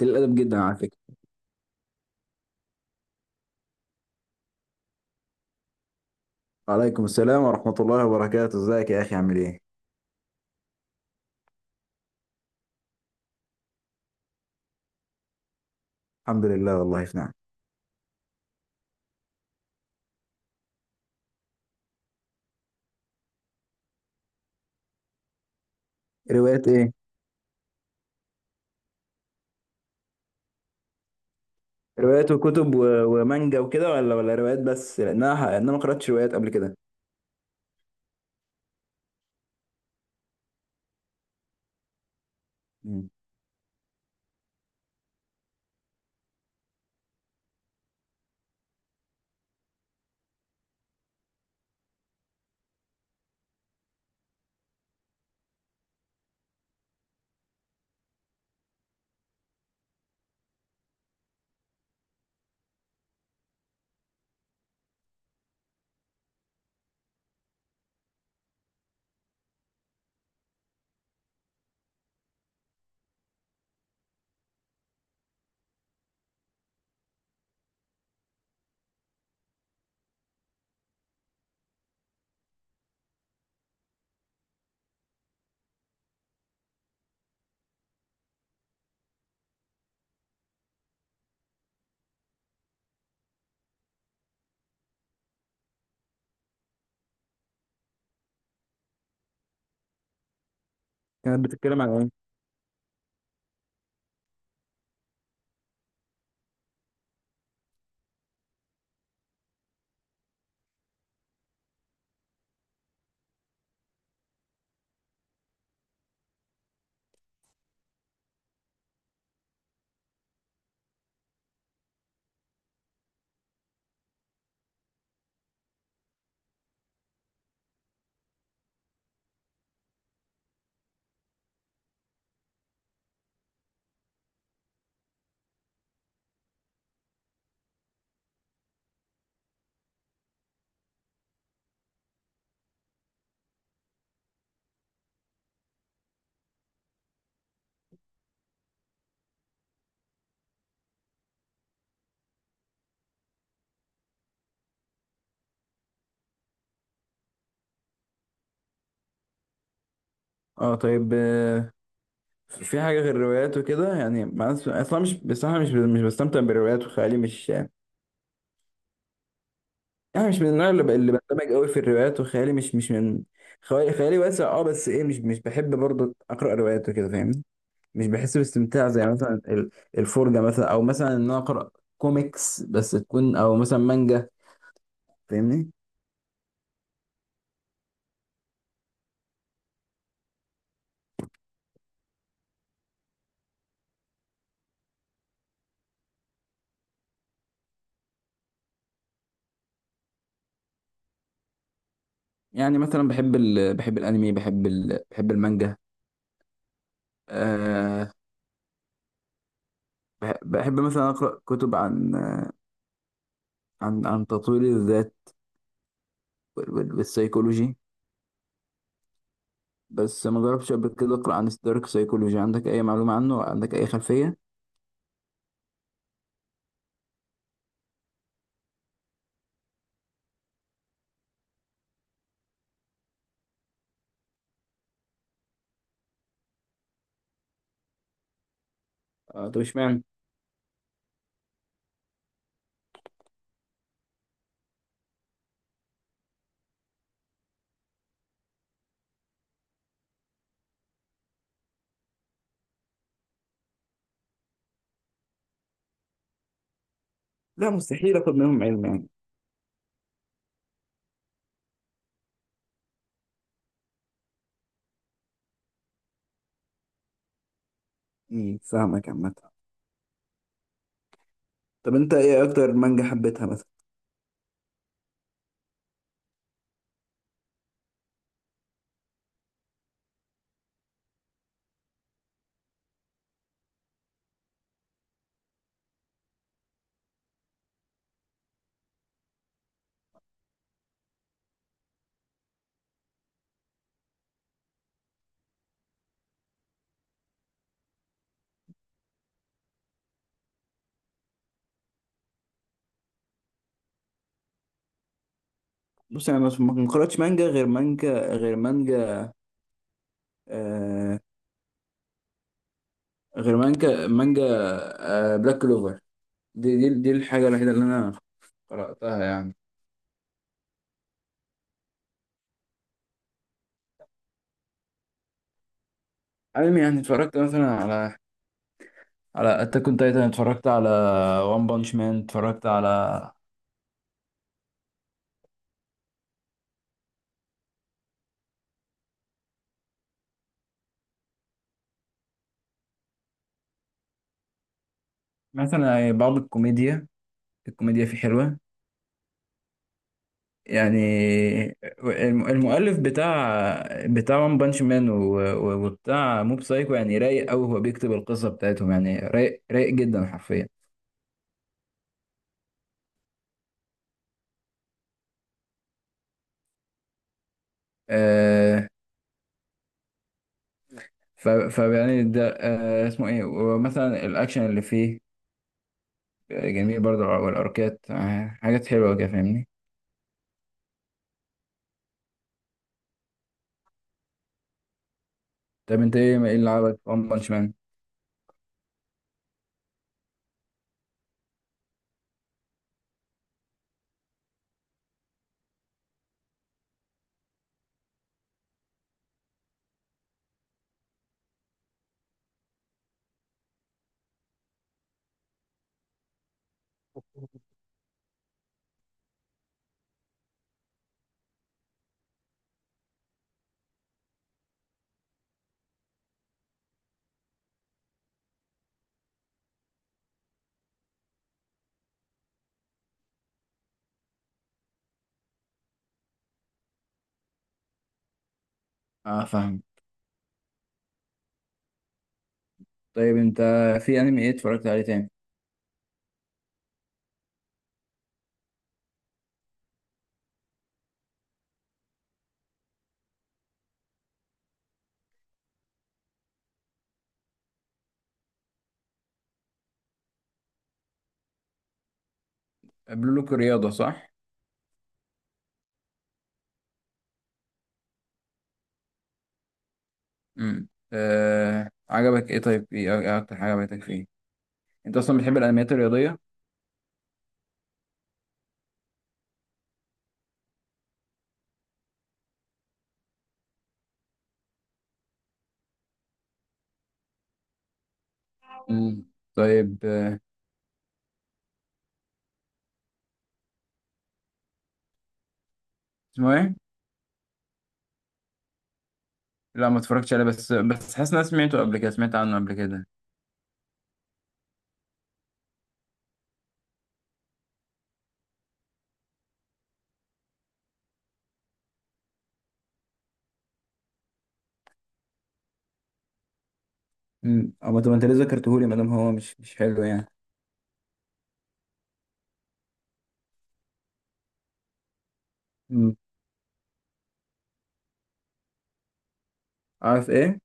قليل الادب جدا على فكره. وعليكم السلام ورحمه الله وبركاته، ازيك يا اخي؟ عامل ايه؟ الحمد لله، والله في نعم. روايات ايه؟ روايات وكتب و- ومانجا وكده، ولا روايات بس؟ لانها، لأن انا ما قراتش روايات قبل كده. مم. كانت بتتكلم عن ايه؟ اه، طيب. في حاجه غير الروايات وكده؟ يعني مع اصلا مش، بصراحه مش بستمتع بالروايات، وخيالي مش يعني، مش من النوع اللي اللي بندمج قوي في الروايات، وخيالي مش من، خيالي واسع اه، بس ايه، مش بحب برضه اقرا روايات وكده، فاهمني؟ مش بحس باستمتاع زي مثلا الفرجة، مثلا او مثلا ان انا اقرا كوميكس بس، تكون او مثلا مانجا. فاهمني؟ يعني مثلا بحب بحب الانمي، بحب بحب المانجا. أه. بحب مثلا اقرا كتب عن، عن تطوير الذات وال- وال- والسيكولوجي. بس ما جربتش قبل كده اقرا عن الدارك سايكولوجي. عندك اي معلومة عنه؟ عندك اي خلفية؟ آه، طب اشمعنى؟ لا، مستحيل اخد منهم علم يعني. مم، فاهمك عامة. طب انت ايه اكتر مانجا حبيتها مثلا؟ بص، انا ما قرأتش مانجا غير مانجا، غير مانجا، آه، غير مانجا، مانجا، آه، بلاك كلوفر. دي الحاجة الوحيدة اللي انا قرأتها يعني. انمي يعني اتفرجت مثلا على، على اتاك اون تايتن، اتفرجت على وان بانش مان، اتفرجت على مثلا بعض الكوميديا. الكوميديا فيه حلوة يعني. المؤلف بتاع وان بانش مان وبتاع موب سايكو يعني رايق قوي، هو بيكتب القصة بتاعتهم يعني رايق، رايق جدا حرفيا. آه. ف- فيعني ده آه اسمه ايه، ومثلا الاكشن اللي فيه آه، جميل برضه، والاركات آه حاجات حلوه كده، فاهمني؟ طب انت ايه، ايه اللي عجبك في ون بانش مان؟ اه، فاهم. طيب انت، في انمي ايه اتفرجت عليه تاني؟ بلو لوك الرياضه، صح؟ امم. آه عجبك ايه؟ طيب، ايه اكتر حاجه عجبتك فيه؟ انت اصلا بتحب الانميات الرياضيه؟ امم. طيب آه، اسمه ايه؟ لا، ما اتفرجتش عليه، بس حاسس ان انا سمعته قبل كده، سمعت عنه قبل كده. امم. أما طب انت ليه ذكرتهولي ما دام هو مش حلو يعني؟ مم. عارف ايه؟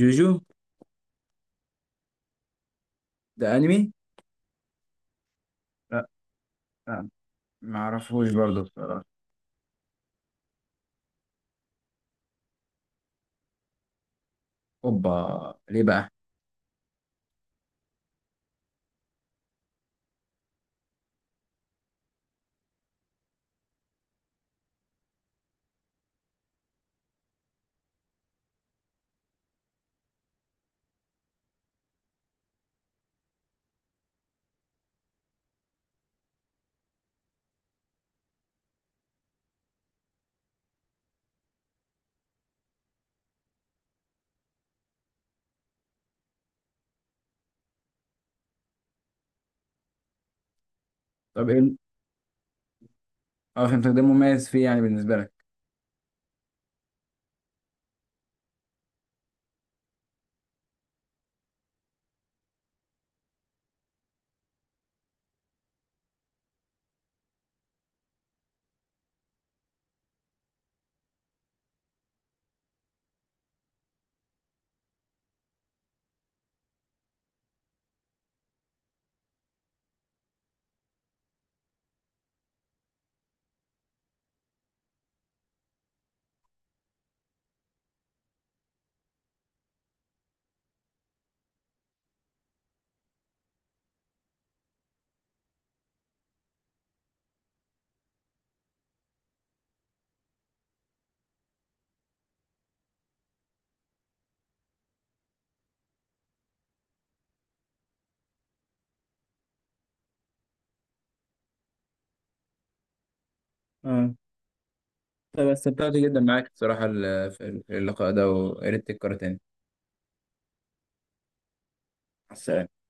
جوجو. ده انمي؟ لا لا ما اعرفوش برضه بصراحه. اوبا ليه بقى؟ طب ايه اه فهمتك. ده مميز فيه يعني بالنسبه لك؟ اه، طب استمتعت جدا معاك بصراحة في اللقاء ده، ويا ريت تتكرر تاني. مع السلامة.